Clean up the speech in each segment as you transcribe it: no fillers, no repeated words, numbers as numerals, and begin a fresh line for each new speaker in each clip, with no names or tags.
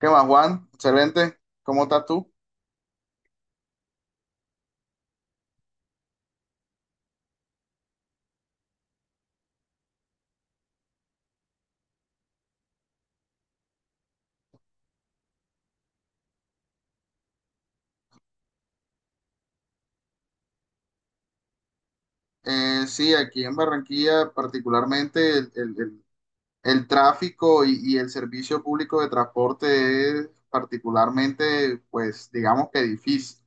¿Qué más, Juan? Excelente. ¿Cómo estás tú? Sí, aquí en Barranquilla, particularmente el tráfico y el servicio público de transporte es particularmente, pues, digamos que difícil.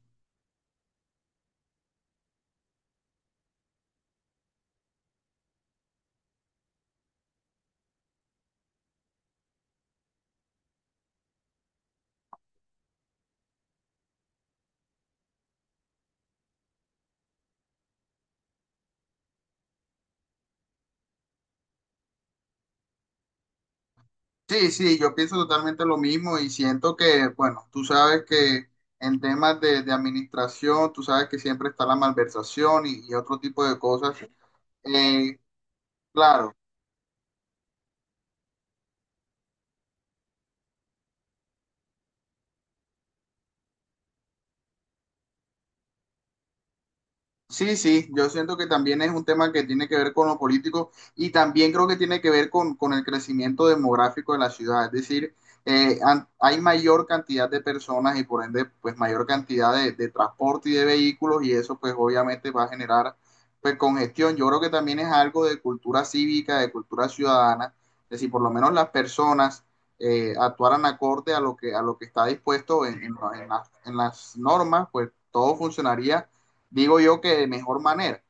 Sí, sí, yo pienso totalmente lo mismo y siento que, bueno, tú sabes que en temas de administración, tú sabes que siempre está la malversación y otro tipo de cosas. Eh, claro. Sí, sí, yo siento que también es un tema que tiene que ver con lo político y también creo que tiene que ver con el crecimiento demográfico de la ciudad. Es decir, hay mayor cantidad de personas y por ende, pues mayor cantidad de transporte y de vehículos y eso pues obviamente va a generar pues congestión. Yo creo que también es algo de cultura cívica, de cultura ciudadana. Es decir, por lo menos las personas actuaran acorde a lo que está dispuesto en, en las normas, pues todo funcionaría digo yo que de mejor manera.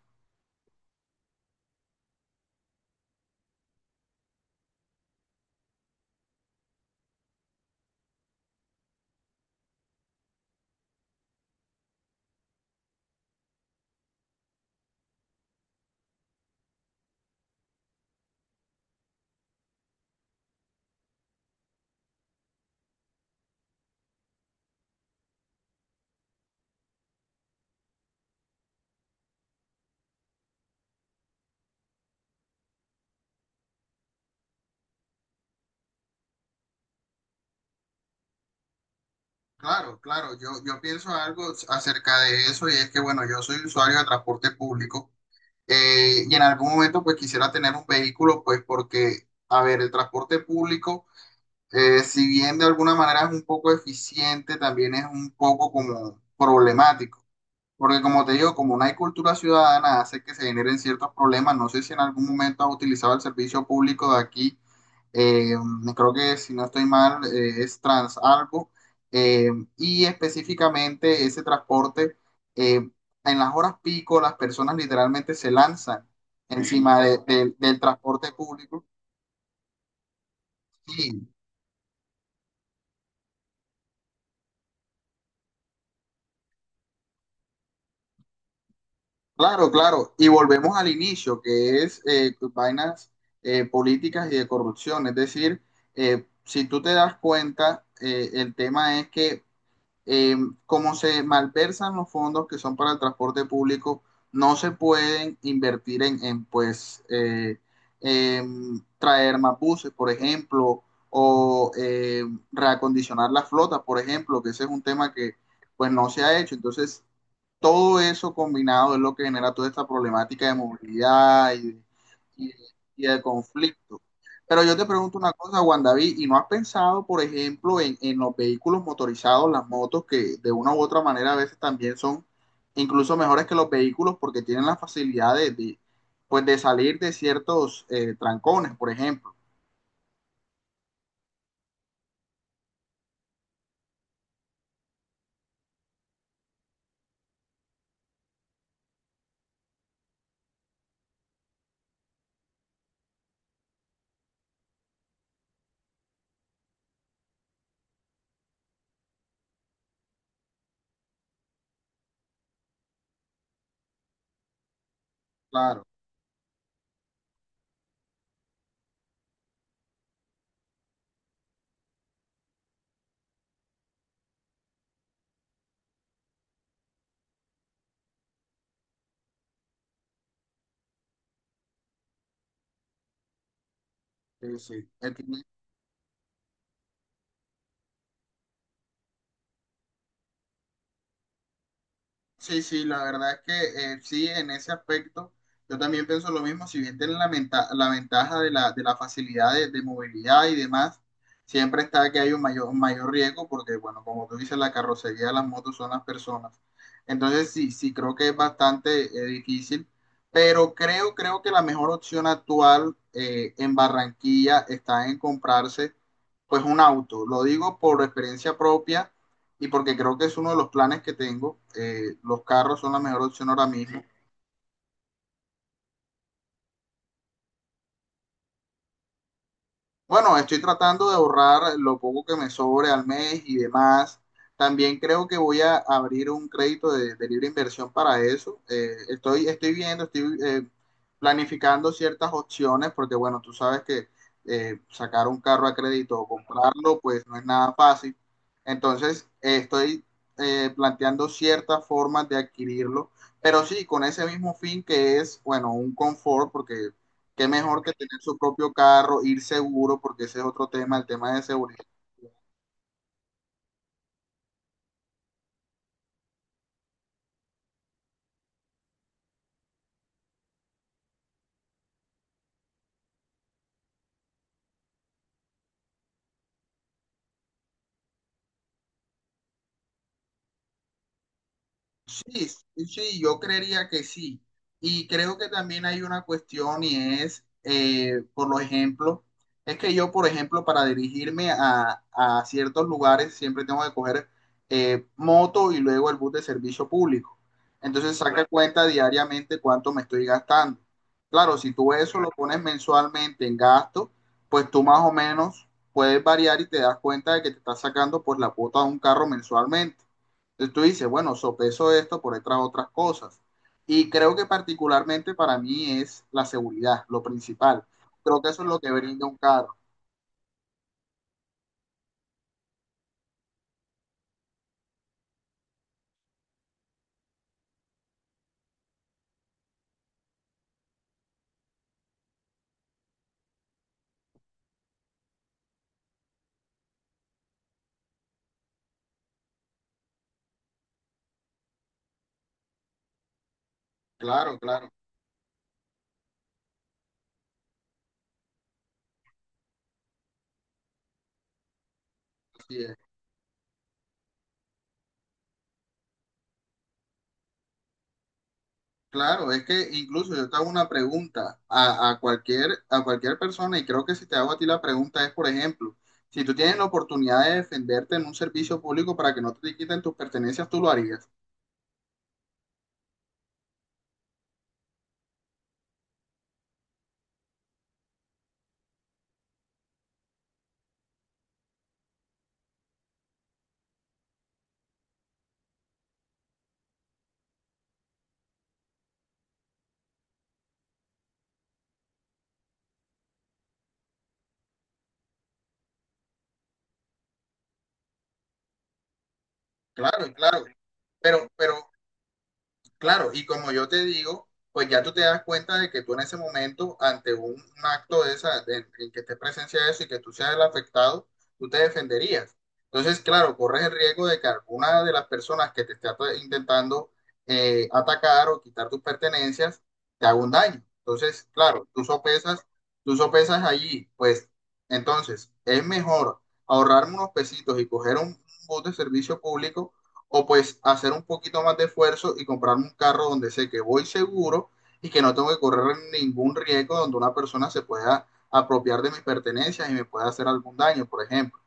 Claro, claro, yo pienso algo acerca de eso y es que, bueno, yo soy usuario de transporte público y en algún momento pues quisiera tener un vehículo pues porque, a ver, el transporte público, si bien de alguna manera es un poco eficiente, también es un poco como problemático. Porque como te digo, como no hay cultura ciudadana, hace que se generen ciertos problemas. No sé si en algún momento has utilizado el servicio público de aquí. eh, Creo que si no estoy mal, es Transalgo. eh, y específicamente ese transporte, eh, en las horas pico, las personas literalmente se lanzan encima del transporte público. Sí, claro, claro. Y volvemos al inicio, que es vainas políticas y de corrupción. Es decir, si tú te das cuenta, el tema es que eh, como se malversan los fondos que son para el transporte público, no se pueden invertir en, pues, traer más buses, por ejemplo, o reacondicionar la flota, por ejemplo, que ese es un tema que pues no se ha hecho. Entonces, todo eso combinado es lo que genera toda esta problemática de movilidad y de, y, de, y de conflicto. Pero yo te pregunto una cosa, Juan David, ¿y no has pensado, por ejemplo, en los vehículos motorizados, las motos, que de una u otra manera a veces también son incluso mejores que los vehículos porque tienen la facilidad de, pues, de salir de ciertos trancones, por ejemplo? Claro, sí, sí. Eh, Sí, sí, la verdad es que sí, en ese aspecto yo también pienso lo mismo, si bien tienen la, la ventaja de la facilidad de movilidad y demás, siempre está que hay un mayor riesgo porque, bueno, como tú dices, la carrocería de las motos son las personas. Entonces sí, sí, creo que es bastante difícil, pero creo, creo que la mejor opción actual en Barranquilla está en comprarse pues un auto. Lo digo por experiencia propia y porque creo que es uno de los planes que tengo. Los carros son la mejor opción ahora mismo. Bueno, estoy tratando de ahorrar lo poco que me sobre al mes y demás. También creo que voy a abrir un crédito de libre inversión para eso. Estoy, estoy viendo, estoy planificando ciertas opciones porque, bueno, tú sabes que sacar un carro a crédito o comprarlo, pues no es nada fácil. Entonces, estoy planteando ciertas formas de adquirirlo, pero sí, con ese mismo fin que es, bueno, un confort, porque qué mejor que tener su propio carro, ir seguro, porque ese es otro tema, el tema de seguridad. Sí, sí, sí, yo creería que sí. Y creo que también hay una cuestión y es, por lo ejemplo, es que yo, por ejemplo, para dirigirme a ciertos lugares siempre tengo que coger moto y luego el bus de servicio público. Entonces saca claro, cuenta diariamente cuánto me estoy gastando. Claro, si tú eso lo claro, pones mensualmente en gasto, pues tú más o menos puedes variar y te das cuenta de que te estás sacando por la cuota de un carro mensualmente, tú dices, bueno, sopeso esto por otras cosas. Y creo que particularmente para mí es la seguridad, lo principal. Creo que eso es lo que brinda un carro. Claro, claro, así es. Claro, es que incluso yo te hago una pregunta a cualquier persona y creo que si te hago a ti la pregunta es, por ejemplo, si tú tienes la oportunidad de defenderte en un servicio público para que no te quiten tus pertenencias, tú lo harías. Claro, claro. Pero, claro, y como yo te digo, pues ya tú te das cuenta de que tú en ese momento, ante un acto de esa, de- en que esté presencia de eso y que tú seas el afectado, tú te defenderías. Entonces, claro, corres el riesgo de que alguna de las personas que te esté intentando atacar o quitar tus pertenencias te haga un daño. Entonces, claro, tú sopesas allí, pues entonces es mejor ahorrarme unos pesitos y coger un bus de servicio público o pues hacer un poquito más de esfuerzo y comprarme un carro donde sé que voy seguro y que no tengo que correr ningún riesgo donde una persona se pueda apropiar de mis pertenencias y me pueda hacer algún daño, por ejemplo.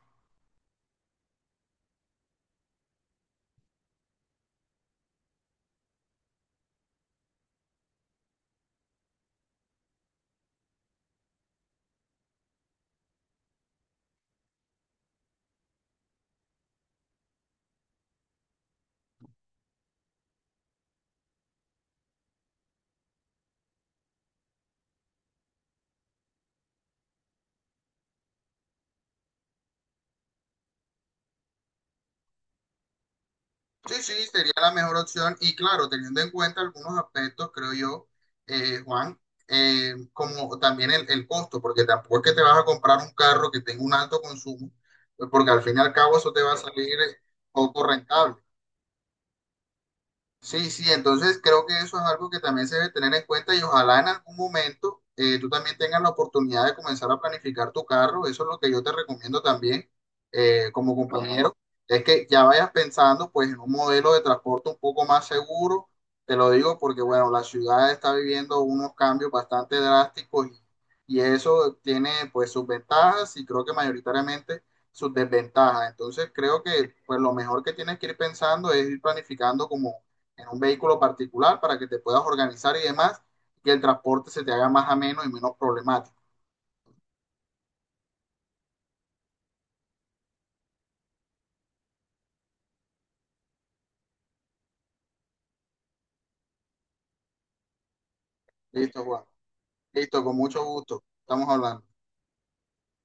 Sí, sí, sería la mejor opción y claro, teniendo en cuenta algunos aspectos, creo yo, Juan, como también el costo, porque tampoco es que te vas a comprar un carro que tenga un alto consumo, porque al fin y al cabo eso te va a salir poco rentable. Sí, sí, entonces creo que eso es algo que también se debe tener en cuenta y ojalá en algún momento tú también tengas la oportunidad de comenzar a planificar tu carro. Eso es lo que yo te recomiendo también como compañero, es que ya vayas pensando pues en un modelo de transporte un poco más seguro. Te lo digo porque bueno, la ciudad está viviendo unos cambios bastante drásticos y eso tiene pues sus ventajas y creo que mayoritariamente sus desventajas. Entonces creo que pues lo mejor que tienes que ir pensando es ir planificando como en un vehículo particular para que te puedas organizar y demás, que el transporte se te haga más ameno y menos problemático. Listo, Juan. Listo, con mucho gusto. Estamos hablando.